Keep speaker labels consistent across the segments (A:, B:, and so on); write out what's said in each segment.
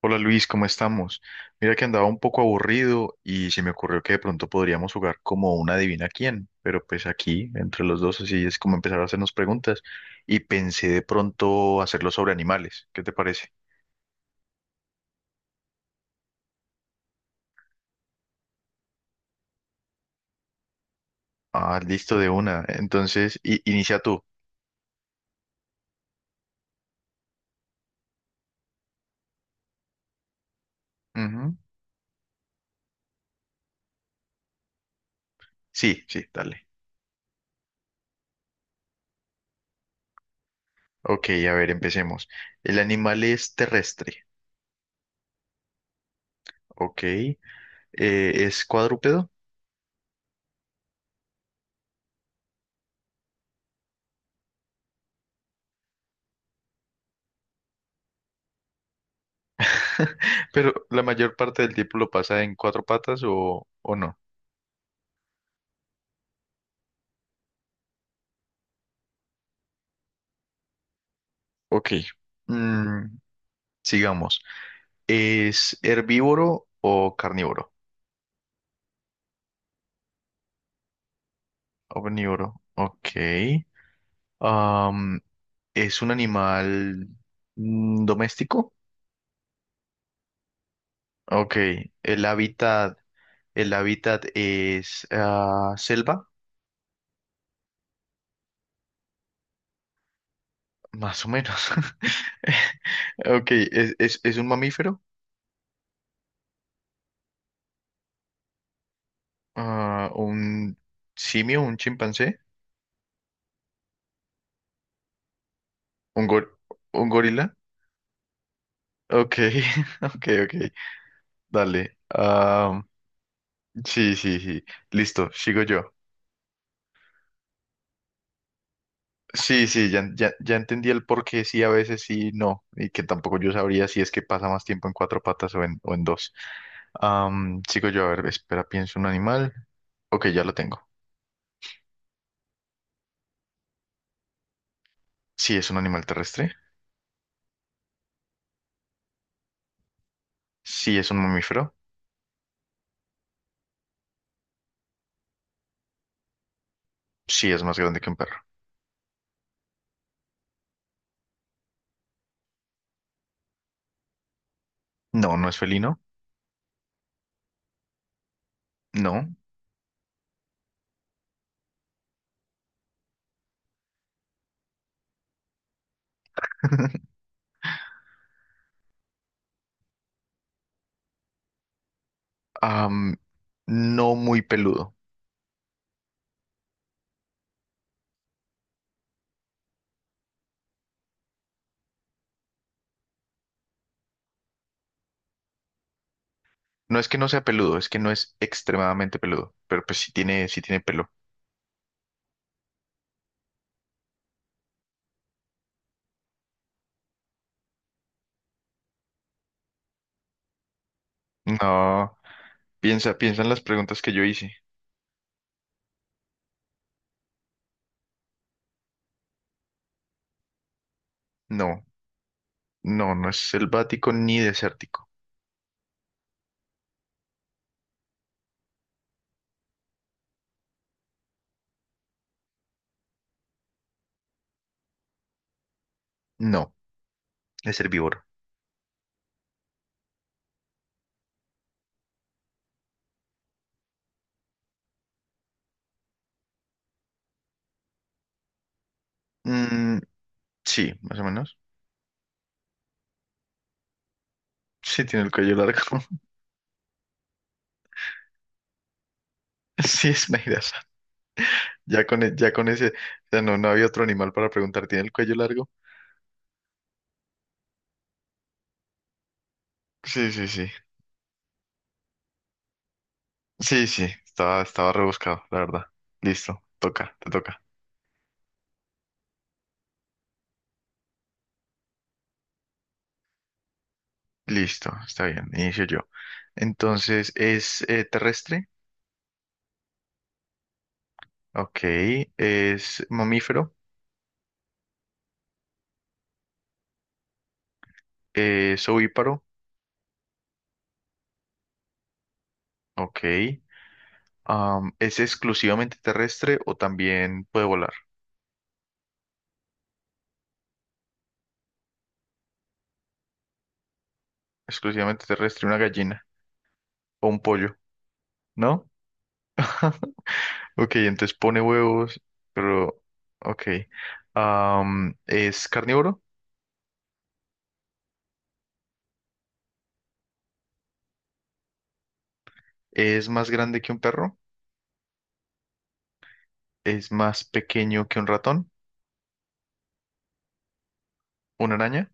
A: Hola Luis, ¿cómo estamos? Mira que andaba un poco aburrido y se me ocurrió que de pronto podríamos jugar como una adivina quién, pero pues aquí entre los dos así es como empezar a hacernos preguntas y pensé de pronto hacerlo sobre animales, ¿qué te parece? Ah, listo de una, entonces inicia tú. Ujú. Sí, sí, dale. Ok, a ver, empecemos. El animal es terrestre, ok. Es cuadrúpedo, pero la mayor parte del tiempo lo pasa en cuatro patas o no. Ok, mm, sigamos. ¿Es herbívoro o carnívoro? Omnívoro, ok. Am, ¿Es un animal doméstico? Ok, el hábitat, el hábitat es selva, más o menos. Ok, ¿es un mamífero? Ah, ¿un simio, un chimpancé? ¿Un un gorila? Ok, ok, ok, dale. Sí, sí, sí. Listo, sigo yo. Sí, sí, ya, ya, ya entendí el por qué sí, a veces sí, no, y que tampoco yo sabría si es que pasa más tiempo en cuatro patas o en dos. Sigo yo, a ver, espera, pienso un animal. Ok, ya lo tengo. Sí, es un animal terrestre. Sí, es un mamífero. Sí, es más grande que un perro. No, no es felino. No. Am, no muy peludo. No es que no sea peludo, es que no es extremadamente peludo, pero pues sí tiene pelo. No. Piensa, piensa en las preguntas que yo hice. No, no, no es selvático ni desértico. No, es herbívoro. Mm, sí, más o menos. Sí, tiene el cuello largo. Sí, es una idea sana. Ya con, ya con ese, o sea, no, no había otro animal para preguntar, ¿tiene el cuello largo? Sí, sí, sí. Sí, sí, estaba, estaba rebuscado, la verdad. Listo, toca, te toca. Listo, está bien, inicio yo. Entonces, ¿es terrestre? Ok. ¿Es mamífero? ¿Es ovíparo? Ok. ¿Es exclusivamente terrestre o también puede volar? Exclusivamente terrestre, una gallina o un pollo, ¿no? Ok, entonces pone huevos, pero... Ok. ¿Es carnívoro? ¿Es más grande que un perro? ¿Es más pequeño que un ratón? ¿Una araña?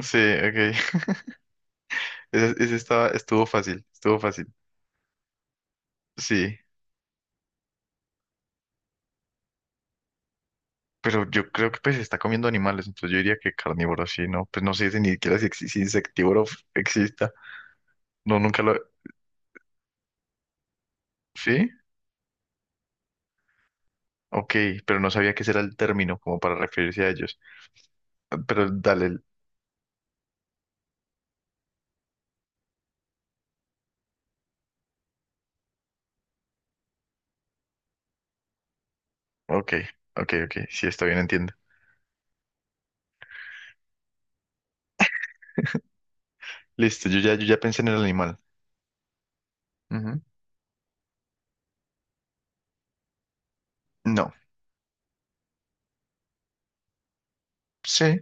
A: Sí, ok. Ese estaba, estuvo fácil, estuvo fácil. Sí, pero yo creo que pues está comiendo animales, entonces yo diría que carnívoro, sí, ¿no? Pues no sé si ni siquiera si, si insectívoro exista. No, nunca lo... ¿Sí? Ok, pero no sabía que ese era el término como para referirse a ellos. Ah, pero dale, ok, ok, ok, sí, está bien, entiendo. Listo, yo ya, yo ya pensé en el animal. Ujú. No, sí,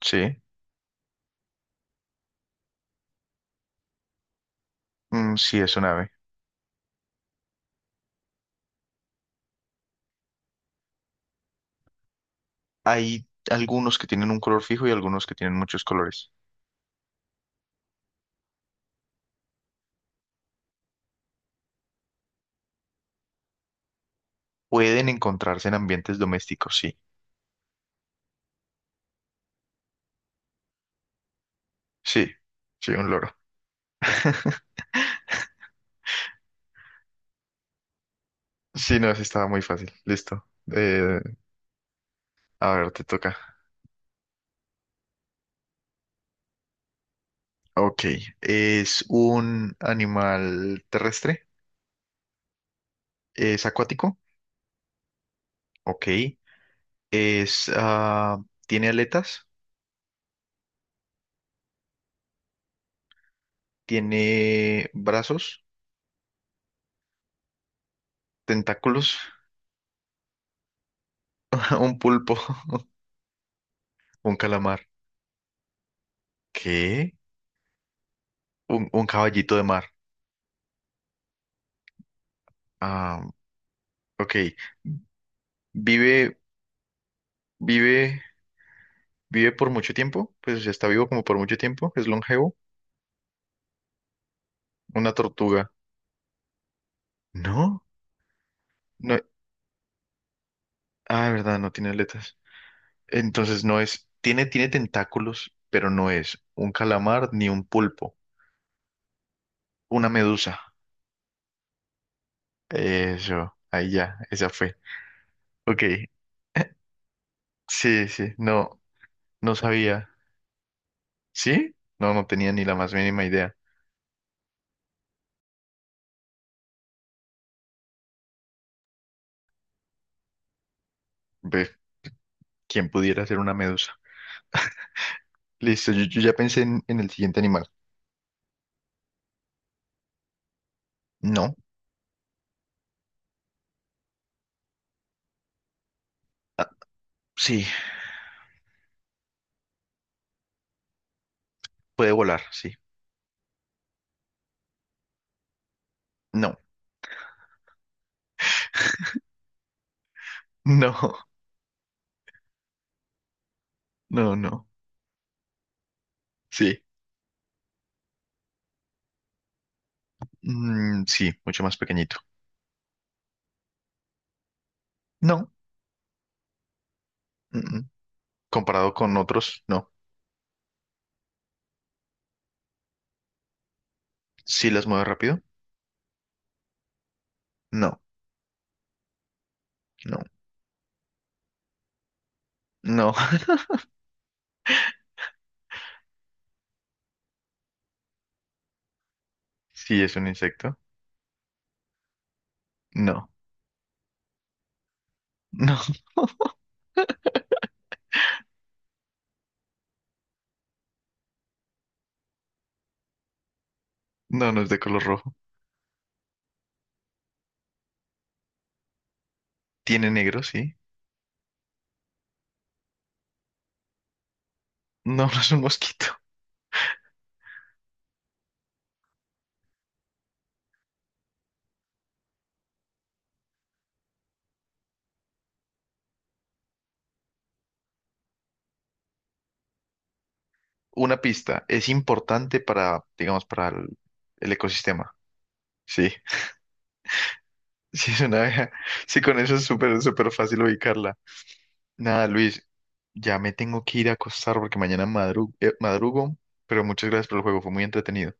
A: sí, mm, sí, es un ave. Hay algunos que tienen un color fijo y algunos que tienen muchos colores. Pueden encontrarse en ambientes domésticos, sí, sí, sí, un loro. Sí, no, sí, estaba muy fácil, listo. Eh, a ver, te toca. Ok, ¿es un animal terrestre? ¿Es acuático? Ok. Es, tiene aletas, tiene brazos, tentáculos, un pulpo, un calamar. ¿Qué? Un caballito de mar. Ah, ok. Vive, vive, vive por mucho tiempo. Pues o está vivo como por mucho tiempo. Es longevo. Una tortuga. ¿No? No. Ah, de verdad, no tiene aletas. Entonces no es. Tiene, tiene tentáculos, pero no es un calamar ni un pulpo. Una medusa. Eso. Ahí ya. Esa fue. Ok, sí, sí, no, no sabía. ¿Sí? No, no tenía ni la más mínima idea. Ve, ¿quién pudiera ser una medusa? Listo, yo ya pensé en el siguiente animal. No, ah, sí, puede volar, sí. No, no, no, no. Sí, mm, sí, mucho más pequeñito. No, mm, mm. Comparado con otros, no. ¿Sí las mueve rápido? No, no, no. ¿Sí es un insecto? No, no, no, no es de color rojo. ¿Tiene negro? Sí. No, no es un mosquito. Una pista es importante para, digamos, para el ecosistema. Sí, sí es una abeja. Sí, con eso es súper, súper fácil ubicarla. Nada, Luis, ya me tengo que ir a acostar porque mañana madrugo, pero muchas gracias por el juego, fue muy entretenido.